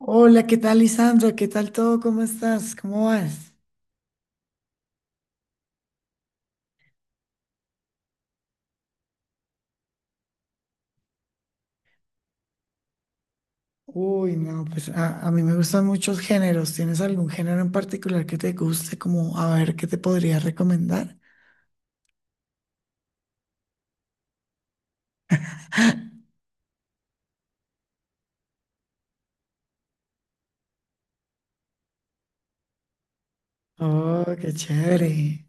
Hola, ¿qué tal, Lisandro? ¿Qué tal todo? ¿Cómo estás? ¿Cómo vas? Uy, no, pues a mí me gustan muchos géneros. ¿Tienes algún género en particular que te guste? Como a ver, ¿qué te podría recomendar? Oh, qué chévere.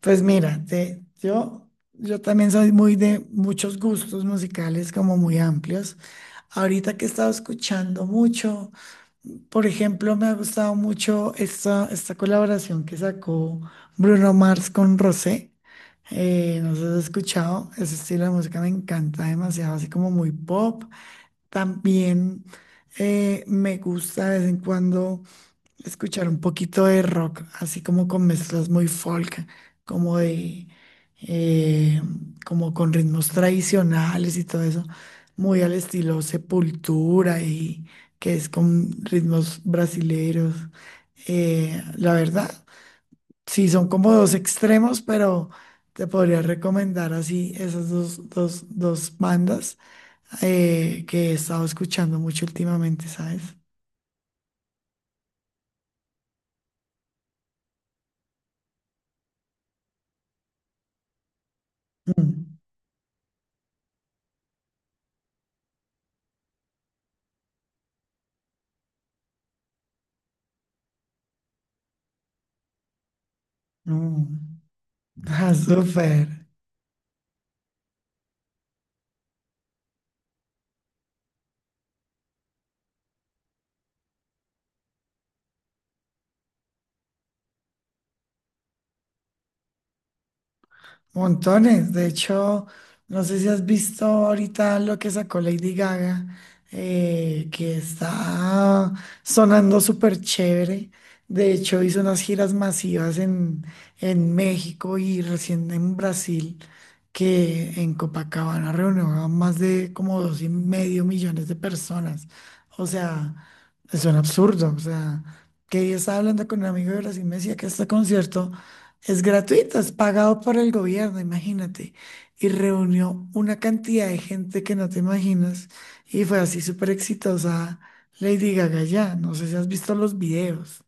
Pues mira, yo también soy muy de muchos gustos musicales como muy amplios. Ahorita que he estado escuchando mucho. Por ejemplo, me ha gustado mucho esta colaboración que sacó Bruno Mars con Rosé. No sé si has escuchado, ese estilo de música me encanta demasiado, así como muy pop. También me gusta de vez en cuando escuchar un poquito de rock, así como con mezclas muy folk, como de, eh, como con ritmos tradicionales y todo eso, muy al estilo Sepultura y que es con ritmos brasileros. La verdad, sí, son como dos extremos, pero te podría recomendar así esas dos bandas que he estado escuchando mucho últimamente, ¿sabes? Mm, mm. Ah, súper. Montones. De hecho, no sé si has visto ahorita lo que sacó Lady Gaga, que está sonando súper chévere. De hecho, hizo unas giras masivas en México y recién en Brasil, que en Copacabana reunió a más de como 2,5 millones de personas. O sea, es un absurdo. O sea, que yo estaba hablando con un amigo de Brasil y me decía que este concierto. Es gratuito, es pagado por el gobierno, imagínate. Y reunió una cantidad de gente que no te imaginas. Y fue así súper exitosa Lady Gaga ya. No sé si has visto los videos.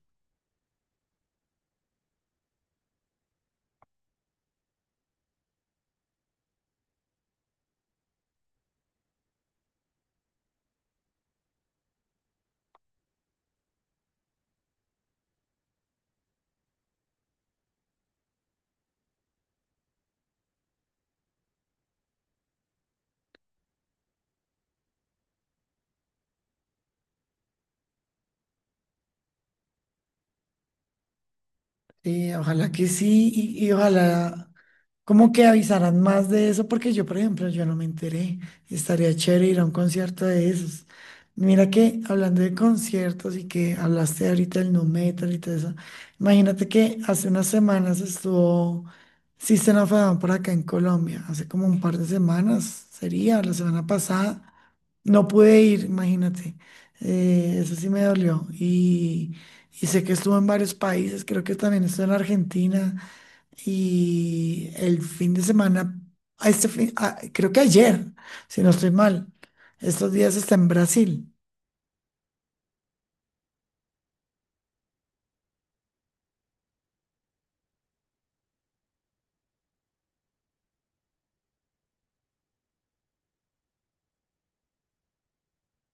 Sí, ojalá que sí y ojalá ¿cómo que avisarán más de eso? Porque yo, por ejemplo, yo no me enteré. Estaría chévere ir a un concierto de esos. Mira que hablando de conciertos y que hablaste ahorita del nu metal y todo eso, imagínate que hace unas semanas estuvo System of a Down por acá en Colombia, hace como un par de semanas, sería la semana pasada. No pude ir, imagínate. Eso sí me dolió. Y sé que estuvo en varios países, creo que también estuvo en Argentina. Y el fin de semana, a este fin, a- creo que ayer, si no estoy mal, estos días está en Brasil.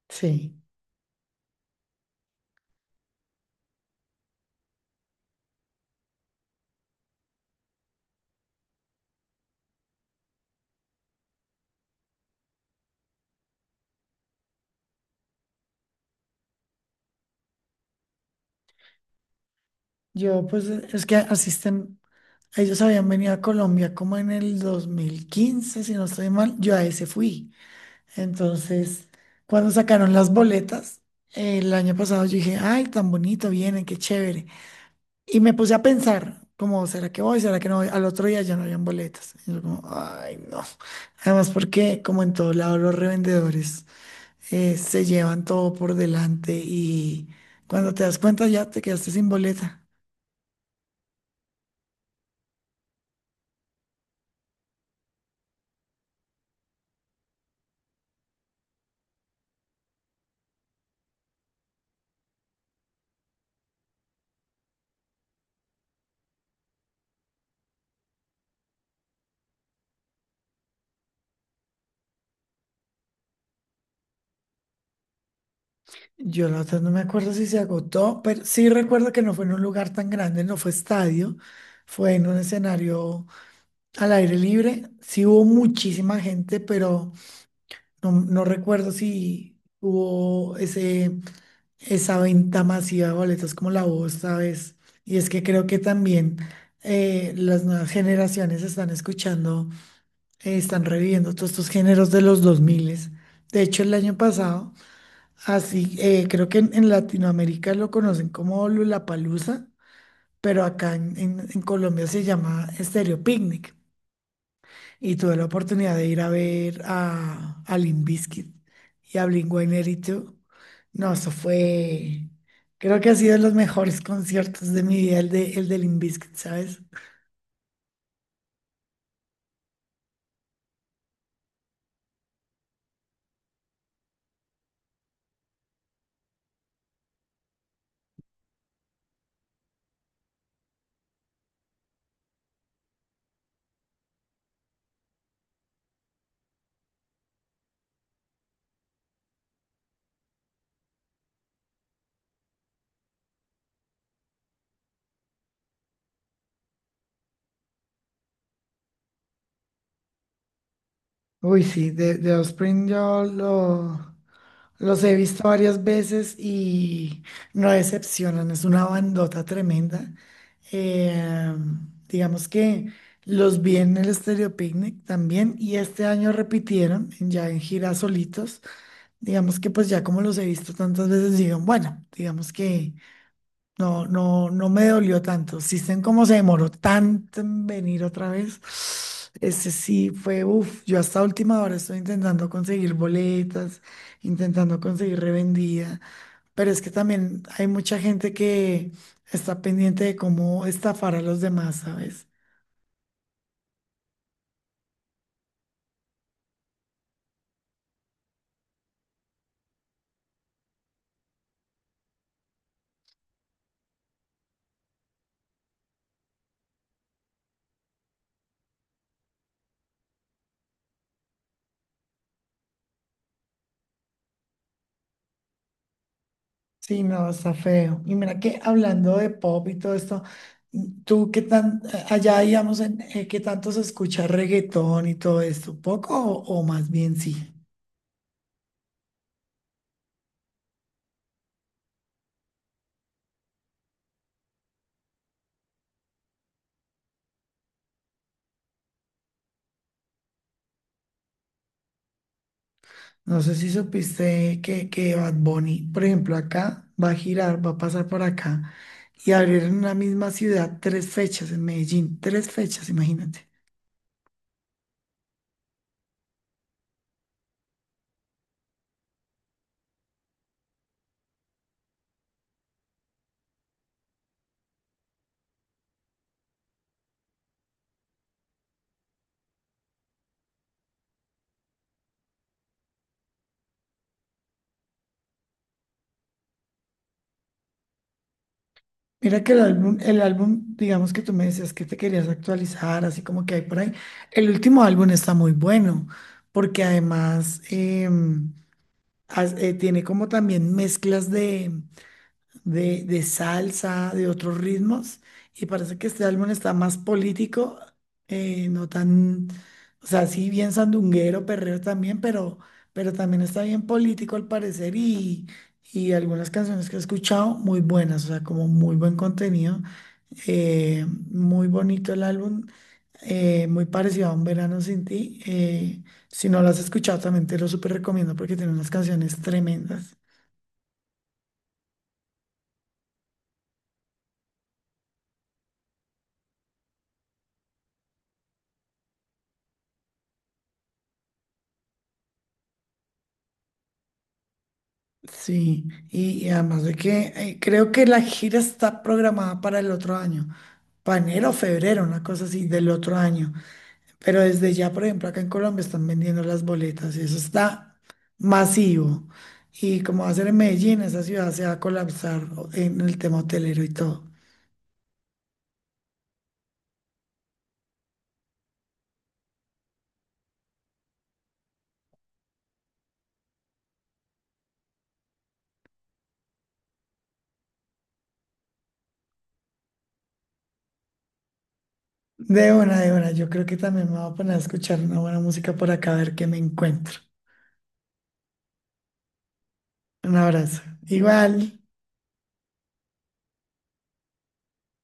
Sí, yo es que asisten, ellos habían venido a Colombia como en el 2015 si no estoy mal, yo a ese fui. Entonces, cuando sacaron las boletas, el año pasado yo dije, ay, tan bonito, vienen, qué chévere. Y me puse a pensar, como, ¿será que voy? ¿Será que no voy? Al otro día ya no habían boletas. Y yo como, ay, no. Además, porque como en todo lado los revendedores se llevan todo por delante y cuando te das cuenta ya te quedaste sin boleta. Yo la otra no me acuerdo si se agotó, pero sí recuerdo que no fue en un lugar tan grande, no fue estadio, fue en un escenario al aire libre. Sí hubo muchísima gente, pero no recuerdo si hubo esa venta masiva de boletos como la voz, ¿sabes? Y es que creo que también las nuevas generaciones están escuchando, están reviviendo todos estos géneros de los 2000. De hecho, el año pasado, creo que en- Latinoamérica lo conocen como Lollapalooza, pero acá en Colombia se llama Estéreo Picnic y tuve la oportunidad de ir a ver a Limp Bizkit y a Blink-182. No, eso fue, creo que ha sido de los mejores conciertos de mi vida, el de Limp Bizkit, ¿sabes? Uy, sí, de Offspring los he visto varias veces y no decepcionan, es una bandota tremenda. Eh, digamos que los vi en el Stereo Picnic también y este año repitieron ya en gira solitos. Digamos que pues ya como los he visto tantas veces, digamos que no, no, no me dolió tanto. Si System cómo se demoró tanto en venir otra vez. Ese sí fue, uff, yo hasta última hora estoy intentando conseguir boletas, intentando conseguir revendida, pero es que también hay mucha gente que está pendiente de cómo estafar a los demás, ¿sabes? Sí, no, está feo. Y mira que hablando de pop y todo esto, mm, tú qué tan, allá digamos, qué tanto se escucha reggaetón y todo esto, poco o más bien sí. No sé si supiste que Bad Bunny, por ejemplo, acá va a girar, va a pasar por acá y abrir en una misma ciudad tres fechas en Medellín, tres fechas, imagínate. Mira que digamos que tú me decías que te querías actualizar, así como que hay por ahí. El último álbum está muy bueno, porque además tiene como también mezclas de salsa, de otros ritmos, y parece que este álbum está más político, no tan, o sea, sí bien sandunguero, perreo también, pero también está bien político al parecer y algunas canciones que he escuchado muy buenas, o sea, como muy buen contenido, eh, muy bonito el álbum. Muy parecido a Un Verano Sin Ti. Si no lo has escuchado, también te lo súper recomiendo porque tiene unas canciones tremendas. Sí, y además de que creo que la gira está programada para el otro año, para enero o febrero, una cosa así del otro año. Pero desde ya, por ejemplo, acá en Colombia están vendiendo las boletas y eso está masivo. Y como va a ser en Medellín, esa ciudad se va a colapsar en el tema hotelero y todo. De una, yo creo que también me voy a poner a escuchar una buena música por acá a ver qué me encuentro. Un abrazo. Igual.